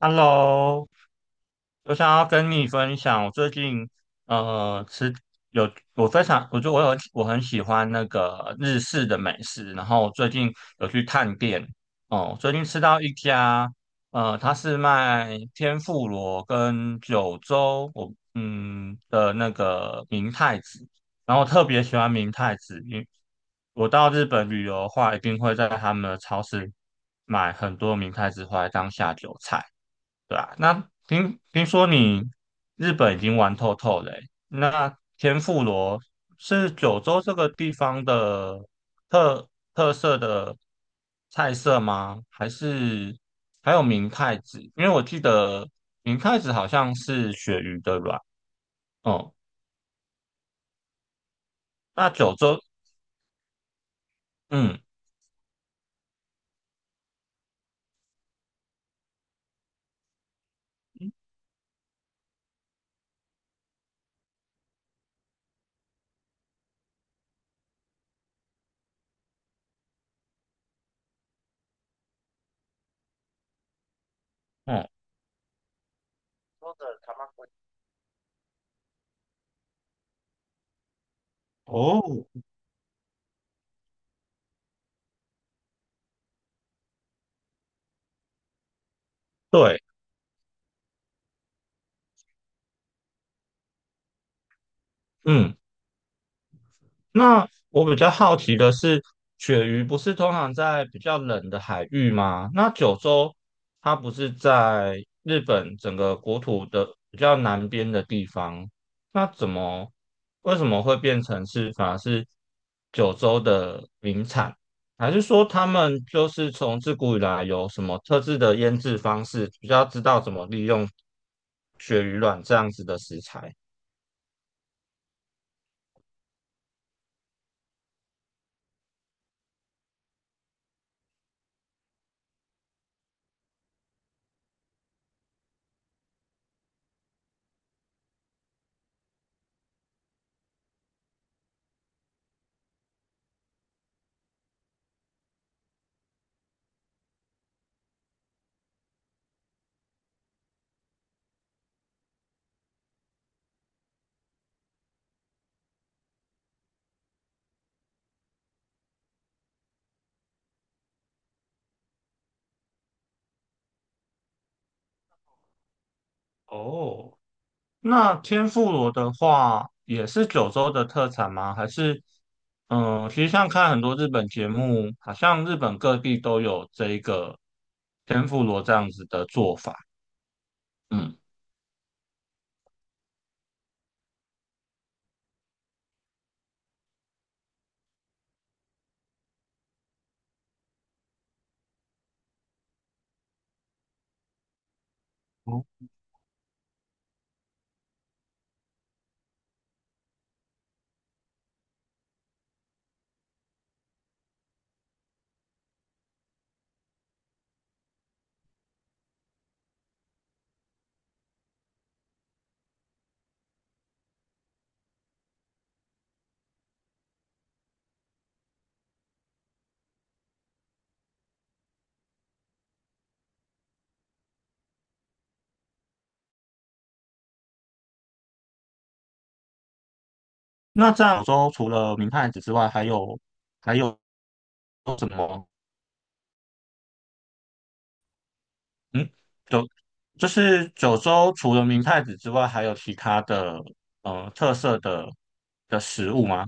Hello，我想要跟你分享，我最近呃吃有我非常，我就我有我很喜欢那个日式的美食，然后我最近有去探店。哦，最近吃到一家，它是卖天妇罗跟九州的那个明太子，然后我特别喜欢明太子，因为我到日本旅游的话，一定会在他们的超市买很多明太子回来当下酒菜。对啊，那听说你日本已经玩透透了欸。那天妇罗是九州这个地方的特特色的菜色吗？还是还有明太子？因为我记得明太子好像是鳕鱼的卵哦。那九州，嗯嗯，九州的 tamagotchi 哦，对，嗯。那我比较好奇的是，鳕鱼不是通常在比较冷的海域吗？那九州它不是在日本整个国土的比较南边的地方，那怎么为什么会变成是反而是九州的名产？还是说他们就是从自古以来有什么特制的腌制方式，比较知道怎么利用鳕鱼卵这样子的食材？哦，那天妇罗的话，也是九州的特产吗？还是，其实像看很多日本节目，好像日本各地都有这一个天妇罗这样子的做法。嗯，哦，那这样九州除了明太子之外，还有什么？嗯，就就是九州除了明太子之外，还有其他的特色的食物吗？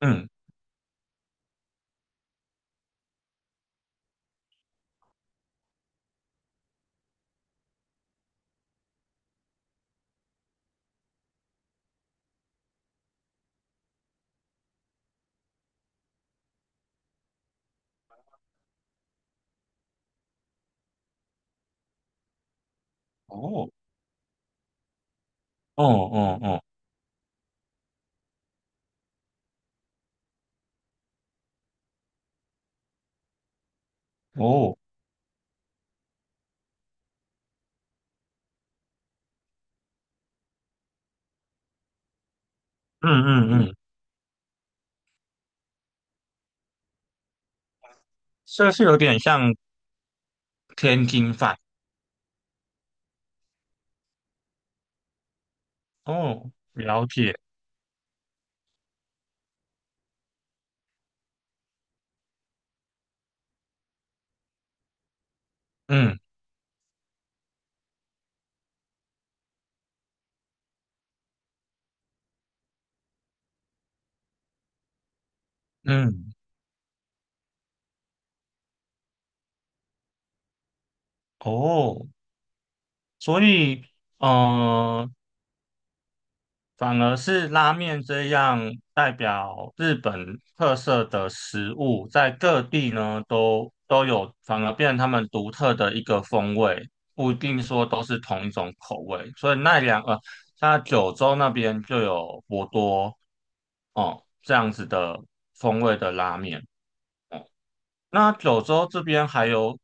嗯，哦，哦哦哦哦，嗯嗯嗯。这是有点像天津饭哦，了解，嗯嗯，哦，所以呃，反而是拉面这样代表日本特色的食物，在各地呢都有，反而变成他们独特的一个风味，不一定说都是同一种口味，所以，它九州那边就有博多哦这样子的风味的拉面。那九州这边还有，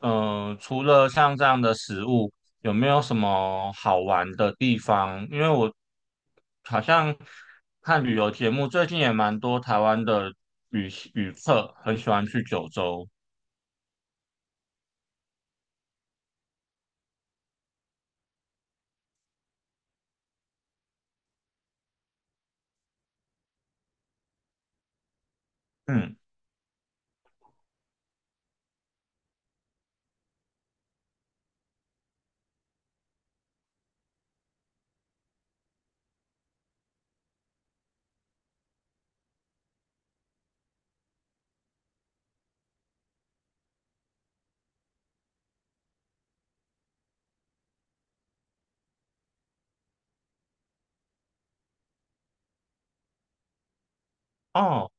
除了像这样的食物，有没有什么好玩的地方？因为我好像看旅游节目，最近也蛮多台湾的旅客很喜欢去九州。嗯，哦。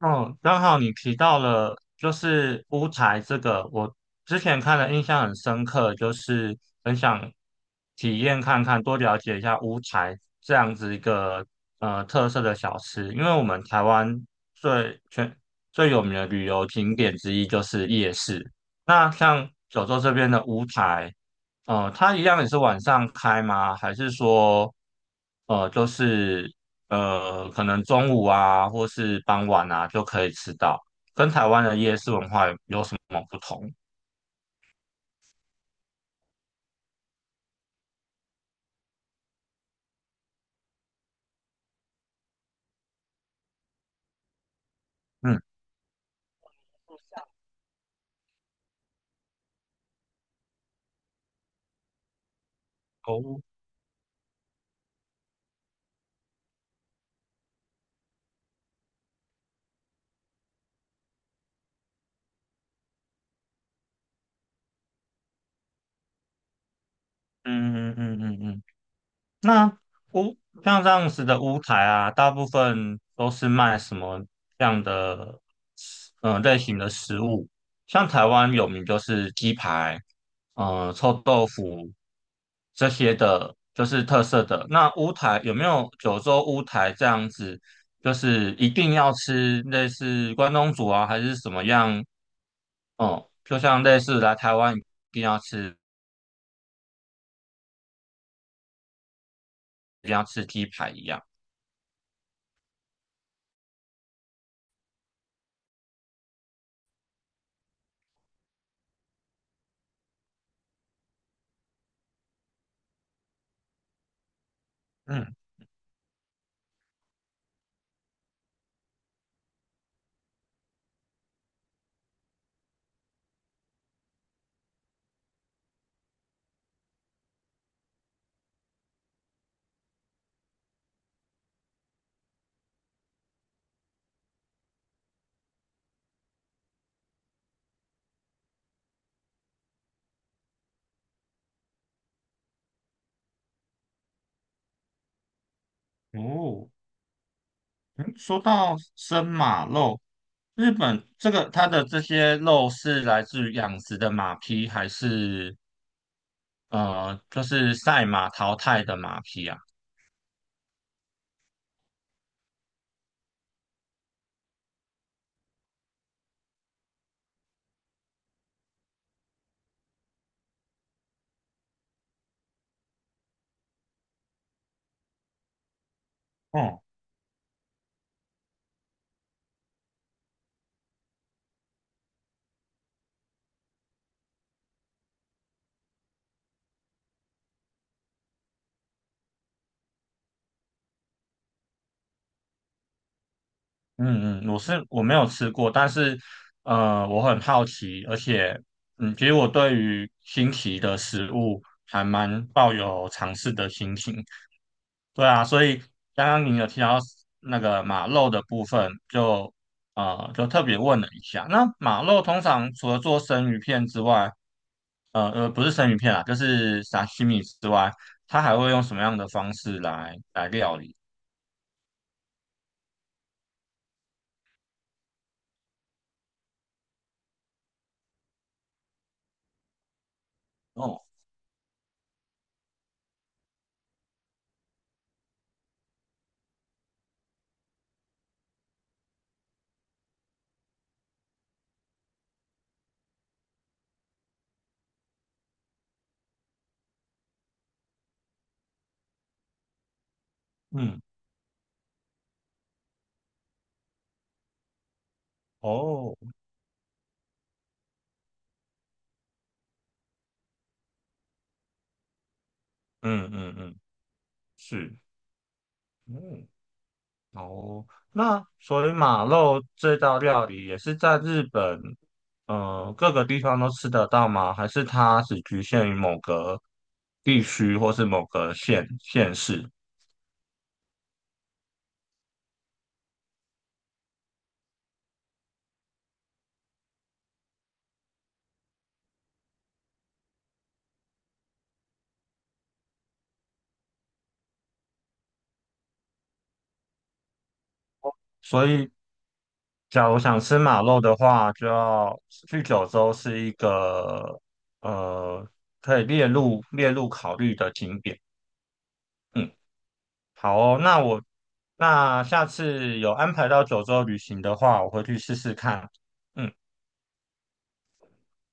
哦，刚好你提到了就是乌台这个，我之前看了印象很深刻，就是很想体验看看，多了解一下乌台这样子一个特色的小吃，因为我们台湾最全最有名的旅游景点之一就是夜市。那像九州这边的乌台，它一样也是晚上开吗？还是说就是可能中午啊，或是傍晚啊，就可以吃到。跟台湾的夜市文化有什么不同？嗯，哦，嗯嗯嗯嗯嗯。那屋像这样子的屋台啊，大部分都是卖什么样的类型的食物？像台湾有名就是鸡排，臭豆腐这些的，就是特色的。那屋台有没有九州屋台这样子？就是一定要吃类似关东煮啊，还是什么样？哦、就像类似来台湾定要吃，一定要吃鸡排一样。嗯，哦。嗯说到生马肉，日本这个它的这些肉是来自于养殖的马匹，还是就是赛马淘汰的马匹啊？哦、嗯嗯，我没有吃过，但是我很好奇，而且其实我对于新奇的食物还蛮抱有尝试的心情。对啊，所以刚刚你有提到那个马肉的部分，就特别问了一下。那马肉通常除了做生鱼片之外，不是生鱼片啦，就是沙西米之外，它还会用什么样的方式来料理？哦，嗯，哦，嗯嗯嗯，是。嗯，哦，那所以马肉这道料理也是在日本，各个地方都吃得到吗？还是它只局限于某个地区或是某个县市？所以，假如想吃马肉的话，就要去九州是一个呃可以列入考虑的景点。嗯，好哦，那下次有安排到九州旅行的话，我会去试试看。嗯。